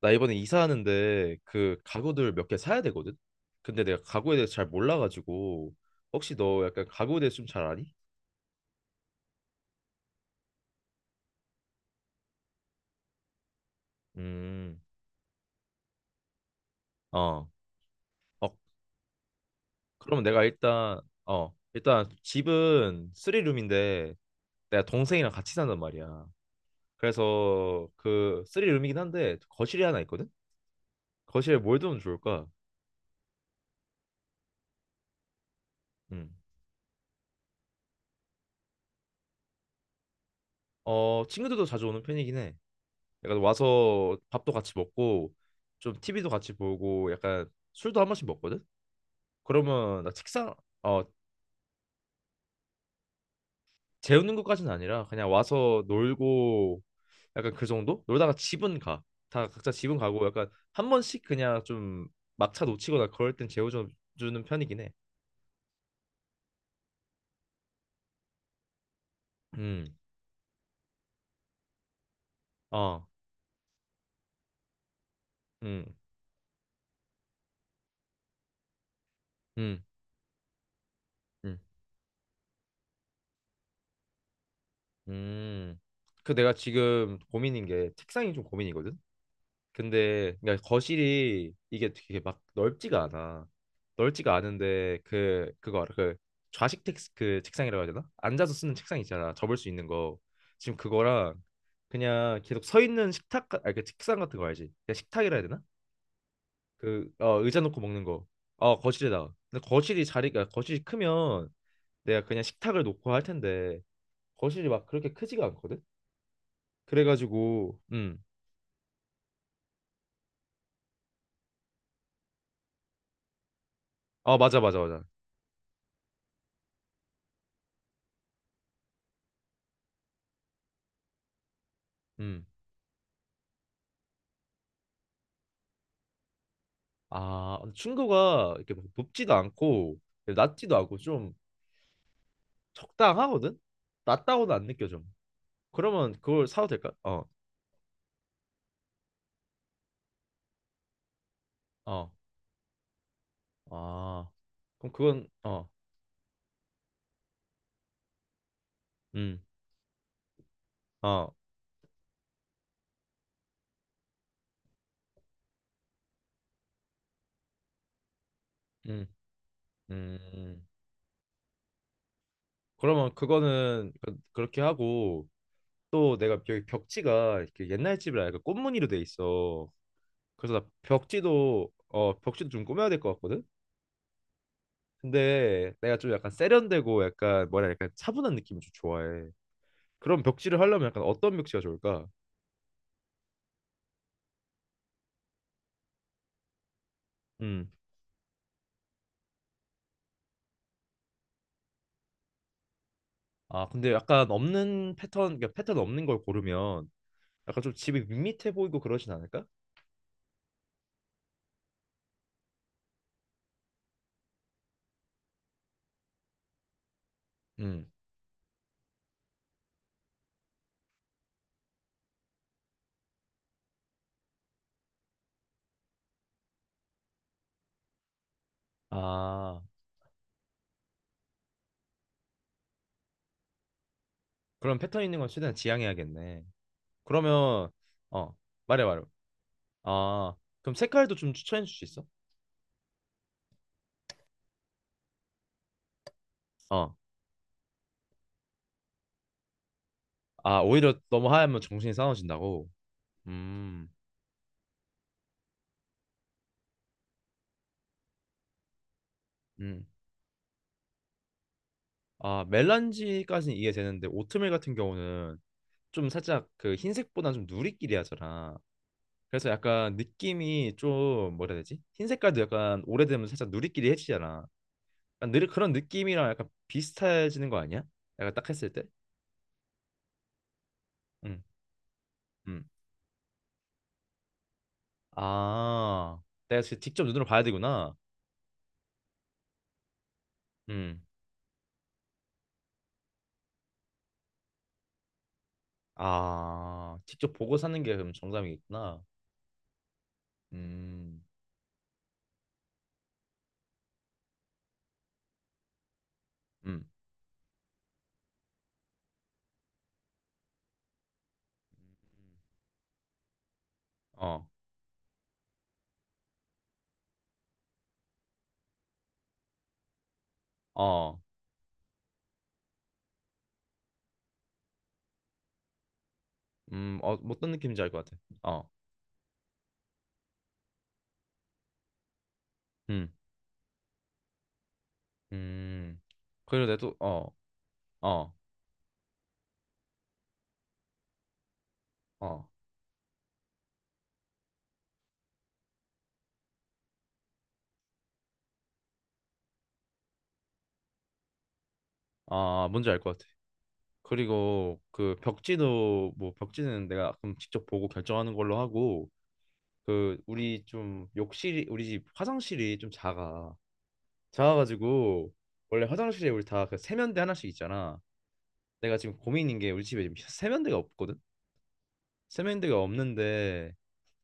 나 이번에 이사하는데 그 가구들 몇 개 사야 되거든? 근데 내가 가구에 대해서 잘 몰라가지고 혹시 너 약간 가구에 대해서 좀 잘 아니? 음, 어. 어, 그러면 내가 일단 일단 집은 쓰리룸인데 내가 동생이랑 같이 산단 말이야. 그래서 그쓰리룸이긴 한데 거실이 하나 있거든? 거실에 뭘 두면 좋을까? 음. 어, 친구들도 자주 오는 편이긴 해. 약간 와서 밥도 같이 먹고 좀 TV도 같이 보고 약간 술도 한 번씩 먹거든? 그러면 나 책상 어 재우는 것까지는 아니라 그냥 와서 놀고 약간 그 정도? 놀다가 집은 가. 다 각자 집은 가고 약간 한 번씩 그냥 좀 막차 놓치거나 그럴 땐 재워주는 편이긴 해. 음. 어. 음. 음. 음. 음. 그 내가 지금 고민인 게 책상이 좀 고민이거든. 근데 그러니까 거실이 이게 되게 막 넓지가 않아. 넓지가 않은데 그 그거 알아? 그 좌식 텍스 그 책상이라고 해야 되나? 앉아서 쓰는 책상 있잖아. 접을 수 있는 거. 지금 그거랑 그냥 계속 서 있는 아니 그 책상 같은 거 알지? 그냥 식탁이라 해야 되나? 그 어, 의자 놓고 먹는 거. 어 거실에다가. 근데 거실이 크면 내가 그냥 식탁을 놓고 할 텐데 거실이 막 그렇게 크지가 않거든. 그래가지고 어 맞아, 맞아, 맞아. 음. 아, 충고가 이렇게 막 높지도 않고 낮지도 않고 좀 적당하거든? 낮다고는 안 느껴져. 그러면 그걸 사도 될까? 어, 아, 그럼 그건 음, 어, 음, 음. 그러면 그렇게 하고 또 내가 여기 벽지가 이렇게 옛날 집이라 약간 꽃무늬로 돼 있어. 그래서 나 벽지도 좀 꾸며야 될 것 같거든? 근데 내가 좀 약간 세련되고 약간 뭐라 해야 약간 차분한 느낌을 좀 좋아해. 그런 벽지를 하려면 약간 어떤 벽지가 좋을까? 음. 아, 근데 약간 없는 패턴, 그러니까 패턴 없는 걸 고르면 약간 좀 집이 밋밋해 보이고 그러진 않을까? 음. 아, 그럼 패턴 있는 건 최대한 지양해야겠네. 그러면 어, 말해 말해. 아, 그럼 색깔도 좀 추천해 줄 수 있어? 어. 아, 오히려 너무 하얗면 정신이 싸워진다고. 음. 음. 아, 멜란지까지는 이해되는데 오트밀 같은 경우는 좀 살짝 그 흰색보다는 좀 누리끼리 하잖아. 그래서 약간 느낌이 좀 뭐라 해야 되지? 흰 색깔도 약간 오래되면 살짝 누리끼리 해지잖아. 약간 느리, 그런 느낌이랑 약간 비슷해지는 거 아니야? 약간 딱 했을 때? 응, 응. 아, 내가 지금 직접 눈으로 봐야 되구나. 응. 아, 직접 보고 사는 게 그럼 정답이겠구나. 음, 음, 어, 어, 뭐 어떤 느낌인지 알 것 같아. 어, 음, 음. 그리고 내가 또, 어, 어, 아, 뭔지 알 것 같아. 그리고 그 벽지도 뭐 벽지는 내가 그럼 직접 보고 결정하는 걸로 하고 그 우리 좀 욕실이 우리 집 화장실이 좀 작아 작아가지고 원래 화장실에 우리 다 그 세면대 하나씩 있잖아 내가 지금 고민인 게 우리 집에 지금 세면대가 없거든 세면대가 없는데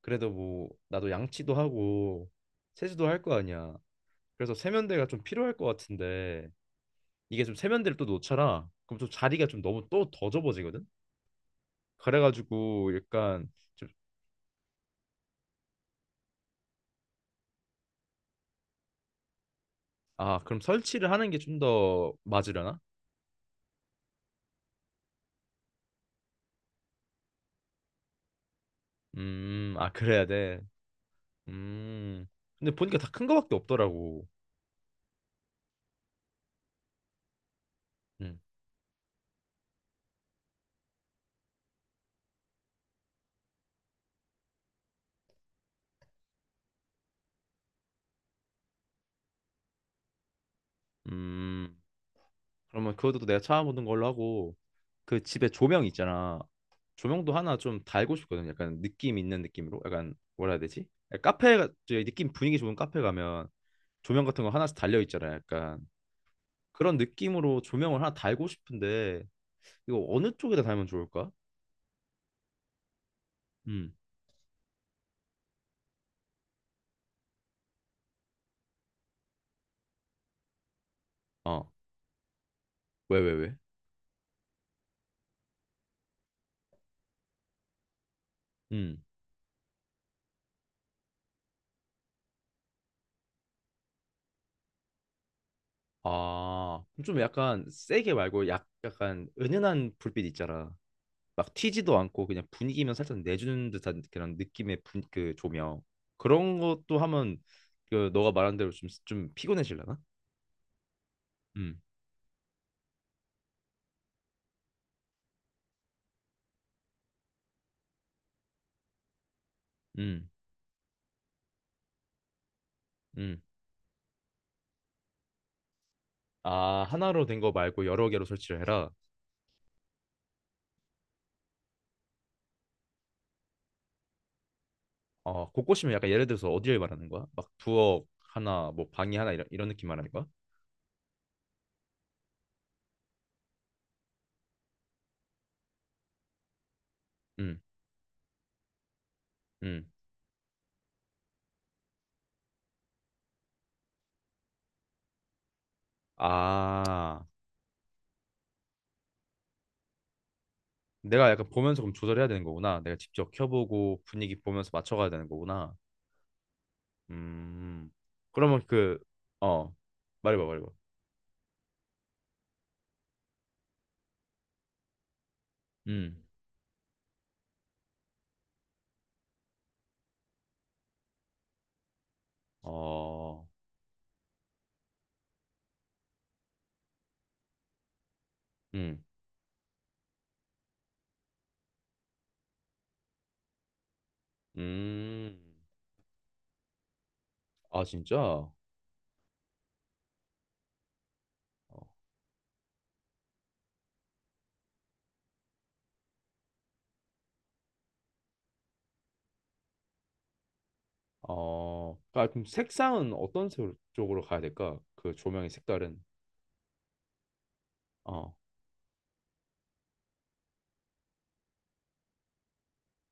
그래도 뭐 나도 양치도 하고 세수도 할 거 아니야 그래서 세면대가 좀 필요할 것 같은데 이게 좀 세면대를 또 놓쳐라 그럼 좀 자리가 좀 너무 또 더 좁아지거든 그래가지고 약간 좀 아, 그럼 설치를 하는 게 좀 더 맞으려나? 아, 그래야 돼. 음. 근데 보니까 다 큰 거밖에 없더라고. 음. 음. 그러면 그것도 내가 찾아보는 걸로 하고 그 집에 조명 있잖아. 조명도 하나 좀 달고 싶거든. 약간 느낌 있는 느낌으로. 약간 뭐라 해야 되지? 약간 저기 느낌 분위기 좋은 카페 가면 조명 같은 거 하나씩 달려 있잖아. 약간 그런 느낌으로 조명을 하나 달고 싶은데 이거 어느 쪽에다 달면 좋을까? 음. 어. 왜, 왜, 왜? 음. 아, 좀 약간 세게 말고 약, 약간 은은한 불빛 있잖아. 막 튀지도 않고 그냥 분위기만 살짝 내주는 듯한 그런 느낌의 분, 그 조명. 그런 것도 하면 그 너가 말한 대로 좀, 좀 피곤해지려나? 음, 음, 음. 아, 하나로 된 거 말고 여러 개로 설치를 해라. 어, 곳곳이면 약간 예를 들어서 어디를 말하는 거야? 막 부엌 하나, 뭐 방이 하나 이런, 이런 느낌 말하는 거야? 음, 음. 아, 내가 약간 보면서 그럼 조절해야 되는 거구나. 내가 직접 켜보고 분위기 보면서 맞춰가야 되는 거구나. 음, 그러면 그, 어, 말해봐, 말해봐. 음. 어, 음, 음, 아, 진짜? 어, 아, 그럼 색상은 쪽으로 가야 될까? 그 조명의 색깔은? 어,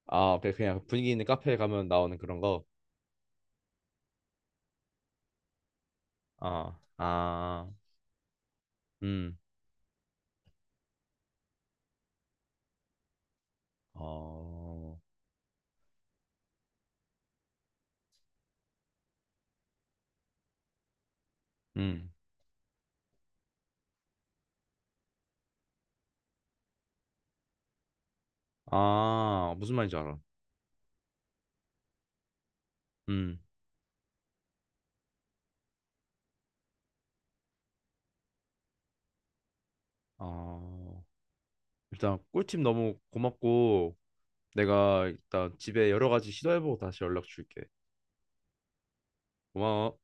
아, 그냥 그냥 분위기 있는 카페에 가면 나오는 그런 거? 아, 아, 음, 어, 음, 아, 무슨 말인지 알아. 음, 아. 일단 꿀팁 너무 고맙고 내가 일단 집에 여러 가지 시도해보고 다시 연락 줄게. 고마워.